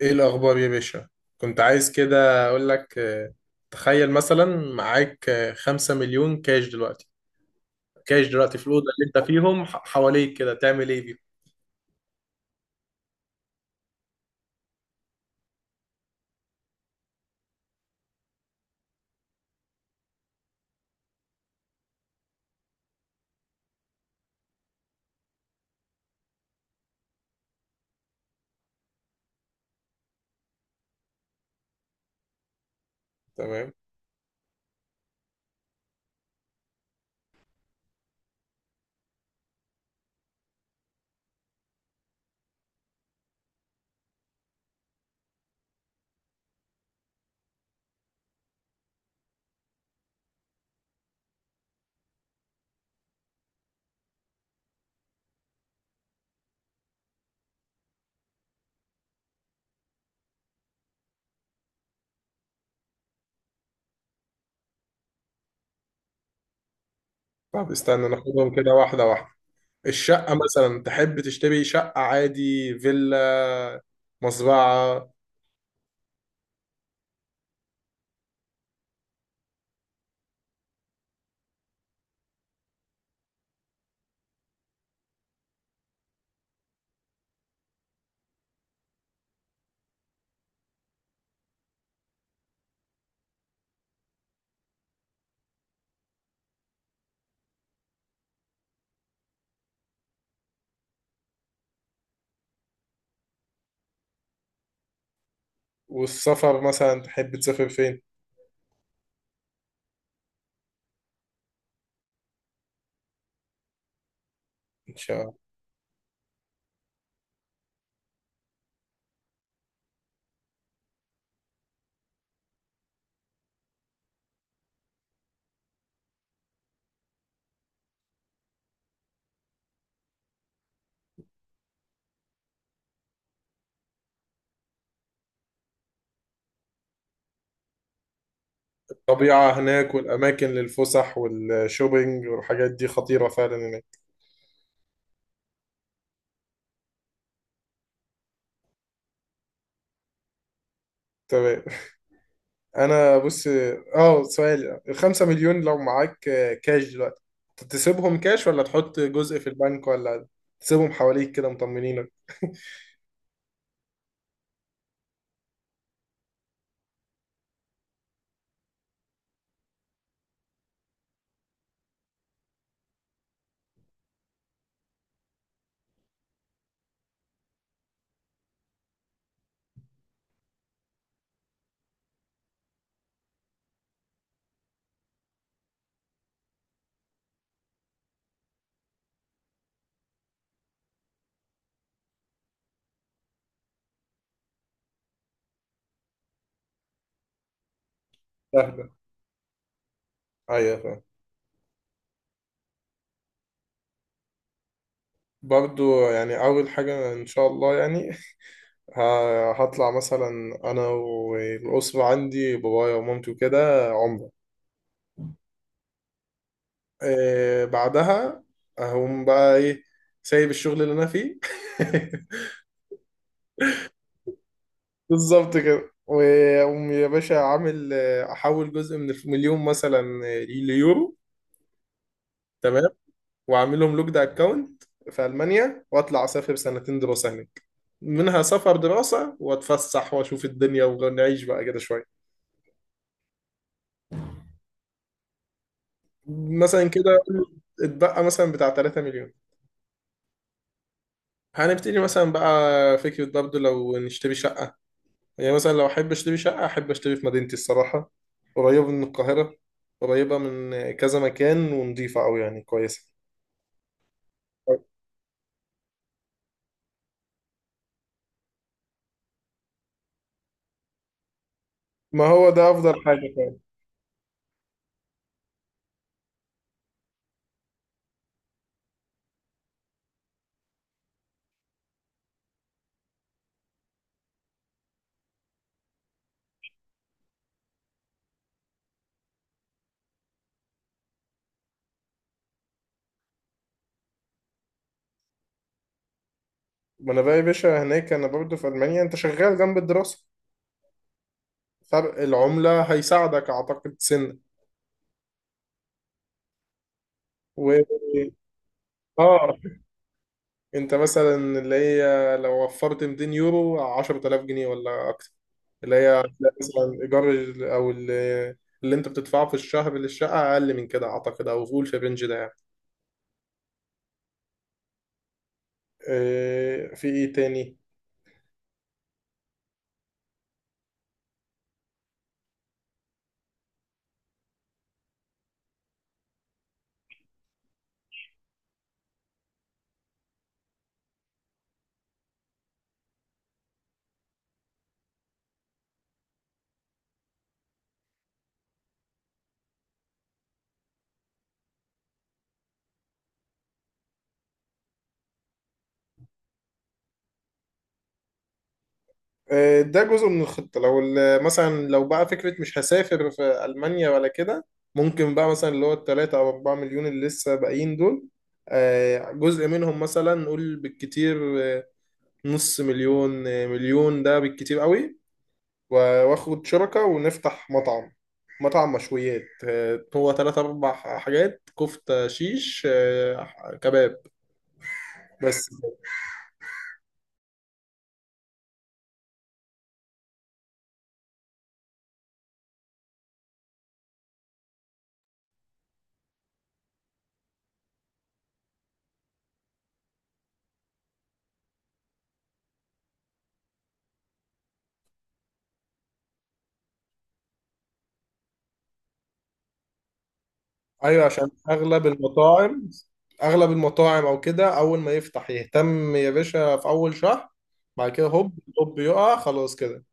ايه الاخبار يا باشا؟ كنت عايز كده اقول لك، تخيل مثلا. معاك 5 مليون كاش دلوقتي. كاش دلوقتي في الاوضه اللي انت فيهم، حواليك كده، تعمل ايه بيهم؟ تمام. طب استنى، ناخدهم كده واحده واحده. الشقه مثلا، تحب تشتري شقه عادي، فيلا، مزرعه؟ والسفر مثلا، تحب تسافر فين؟ ان شاء الله. الطبيعه هناك والاماكن للفسح والشوبينج والحاجات دي خطيره فعلا هناك. تمام. انا بص. اه، سؤال ال 5 مليون، لو معاك كاش دلوقتي، تسيبهم كاش ولا تحط جزء في البنك ولا تسيبهم حواليك كده مطمنينك؟ سهلة. ايوه، فاهم. برضو يعني، اول حاجة ان شاء الله يعني، هطلع مثلا انا والاسرة عندي، بابايا ومامتي وكده، عمرة. بعدها هقوم بقى ايه؟ سايب الشغل اللي انا فيه. بالظبط كده. وأقوم يا باشا عامل، أحول جزء من مليون مثلا، ليورو. تمام. وأعملهم لوكد أكاونت في ألمانيا، وأطلع أسافر سنتين دراسة هناك. منها سفر دراسة، وأتفسح وأشوف الدنيا ونعيش بقى كده شوية. مثلا كده. اتبقى مثلا بتاع 3 مليون. هنبتدي مثلا بقى فكرة برضه، لو نشتري شقة. يعني مثلا لو أحب أشتري شقة، أحب أشتري في مدينتي الصراحة، قريبة من القاهرة، قريبة من كذا مكان، ونضيفة أوي يعني، كويسة. ما هو ده افضل حاجه فعلا. ما انا بقى يا باشا هناك، انا برضه في المانيا، انت شغال جنب الدراسه، فرق العمله هيساعدك اعتقد سنه. و اه انت مثلا، اللي هي لو وفرت 200 يورو، 10,000 جنيه ولا اكتر، اللي هي هتلاقي مثلا ايجار، او اللي، اللي انت بتدفعه في الشهر للشقه، اقل من كده اعتقد، او قول في الرينج ده يعني. في ايه تاني؟ ده جزء من الخطة. لو مثلا لو بقى فكرة مش هسافر في ألمانيا ولا كده، ممكن بقى مثلا اللي هو التلاتة أو أربعة مليون اللي لسه باقيين دول، جزء منهم، مثلا نقول بالكتير آه، نص مليون، مليون، ده بالكتير قوي، واخد شركة ونفتح مطعم. مطعم مشويات، هو تلات أربع حاجات: كفتة، شيش، كباب، بس. ايوه، عشان اغلب المطاعم، او كده، اول ما يفتح يهتم يا باشا في اول شهر، بعد كده هوب هوب يقع خلاص كده.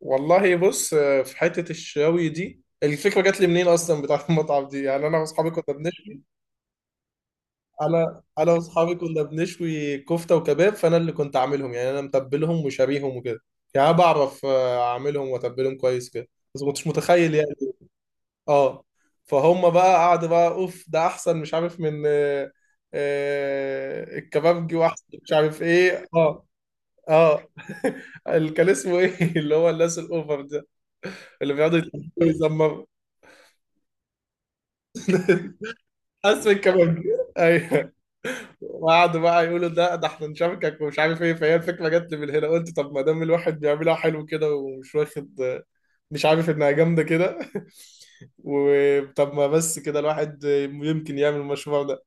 والله بص، في حته الشاوي دي، الفكره جات لي منين اصلا بتاعت المطعم دي، يعني انا واصحابي كنا بنشوي. انا واصحابي كنا بنشوي كفته وكباب، فانا اللي كنت عاملهم، يعني انا متبلهم وشاريهم وكده. يعني أنا بعرف اعملهم واتبلهم كويس كده، بس ما كنتش متخيل يعني. اه. فهم بقى قعدوا بقى، اوف ده احسن مش عارف من، الكبابجي، واحسن مش عارف ايه. اه. اه اللي كان اسمه ايه؟ اللي هو الناس الاوفر ده، اللي بيقعدوا يزمروا. اسم الكبابجي. ايوه. وقعدوا بقى يقولوا ده احنا نشاركك ومش عارف ايه. فهي الفكره جت لي من هنا، قلت طب ما دام الواحد بيعملها حلو كده، ومش واخد، مش عارف انها جامده كده وطب ما بس كده الواحد يمكن يعمل المشروع ده.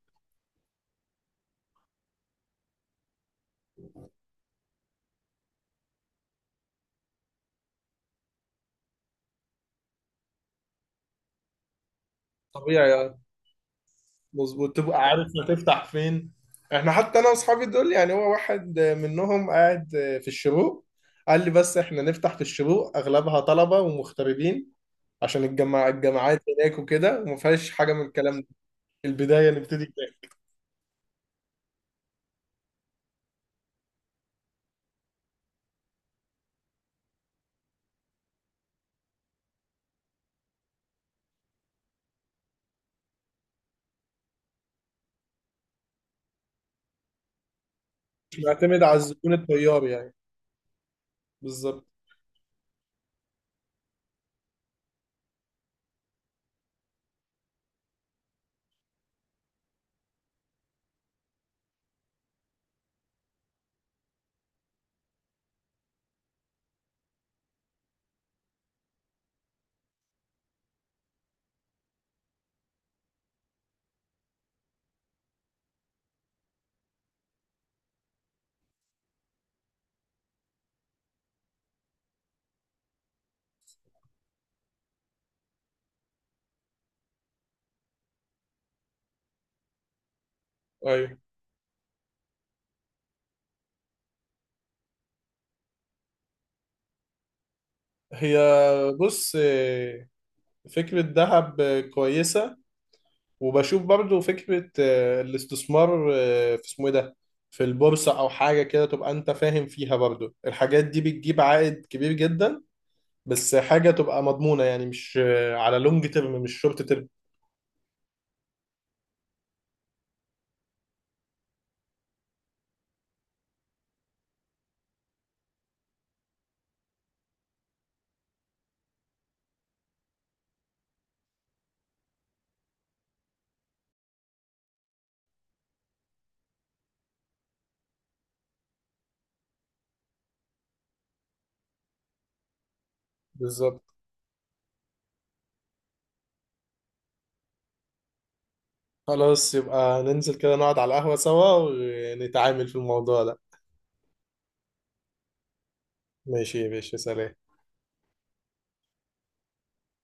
طبيعي يعني. مظبوط، تبقى عارف هتفتح فين. احنا حتى انا واصحابي دول يعني، هو واحد منهم قاعد في الشروق، قال لي بس احنا نفتح في الشروق، اغلبها طلبة ومغتربين، عشان الجماعة الجامعات هناك وكده، وما فيهاش حاجة من الكلام ده. البداية نبتدي كده. مش معتمد على الزبون الطيار يعني. بالظبط. ايوه. هي بص، فكرة دهب كويسة، وبشوف برضو فكرة الاستثمار، في اسمه ايه ده، في البورصة أو حاجة كده تبقى أنت فاهم فيها. برضو الحاجات دي بتجيب عائد كبير جدا، بس حاجة تبقى مضمونة يعني، مش على لونج تيرم، مش شورت تيرم. بالظبط. خلاص، يبقى ننزل كده نقعد على القهوة سوا، ونتعامل في الموضوع ده. ماشي يا باشا، سلام.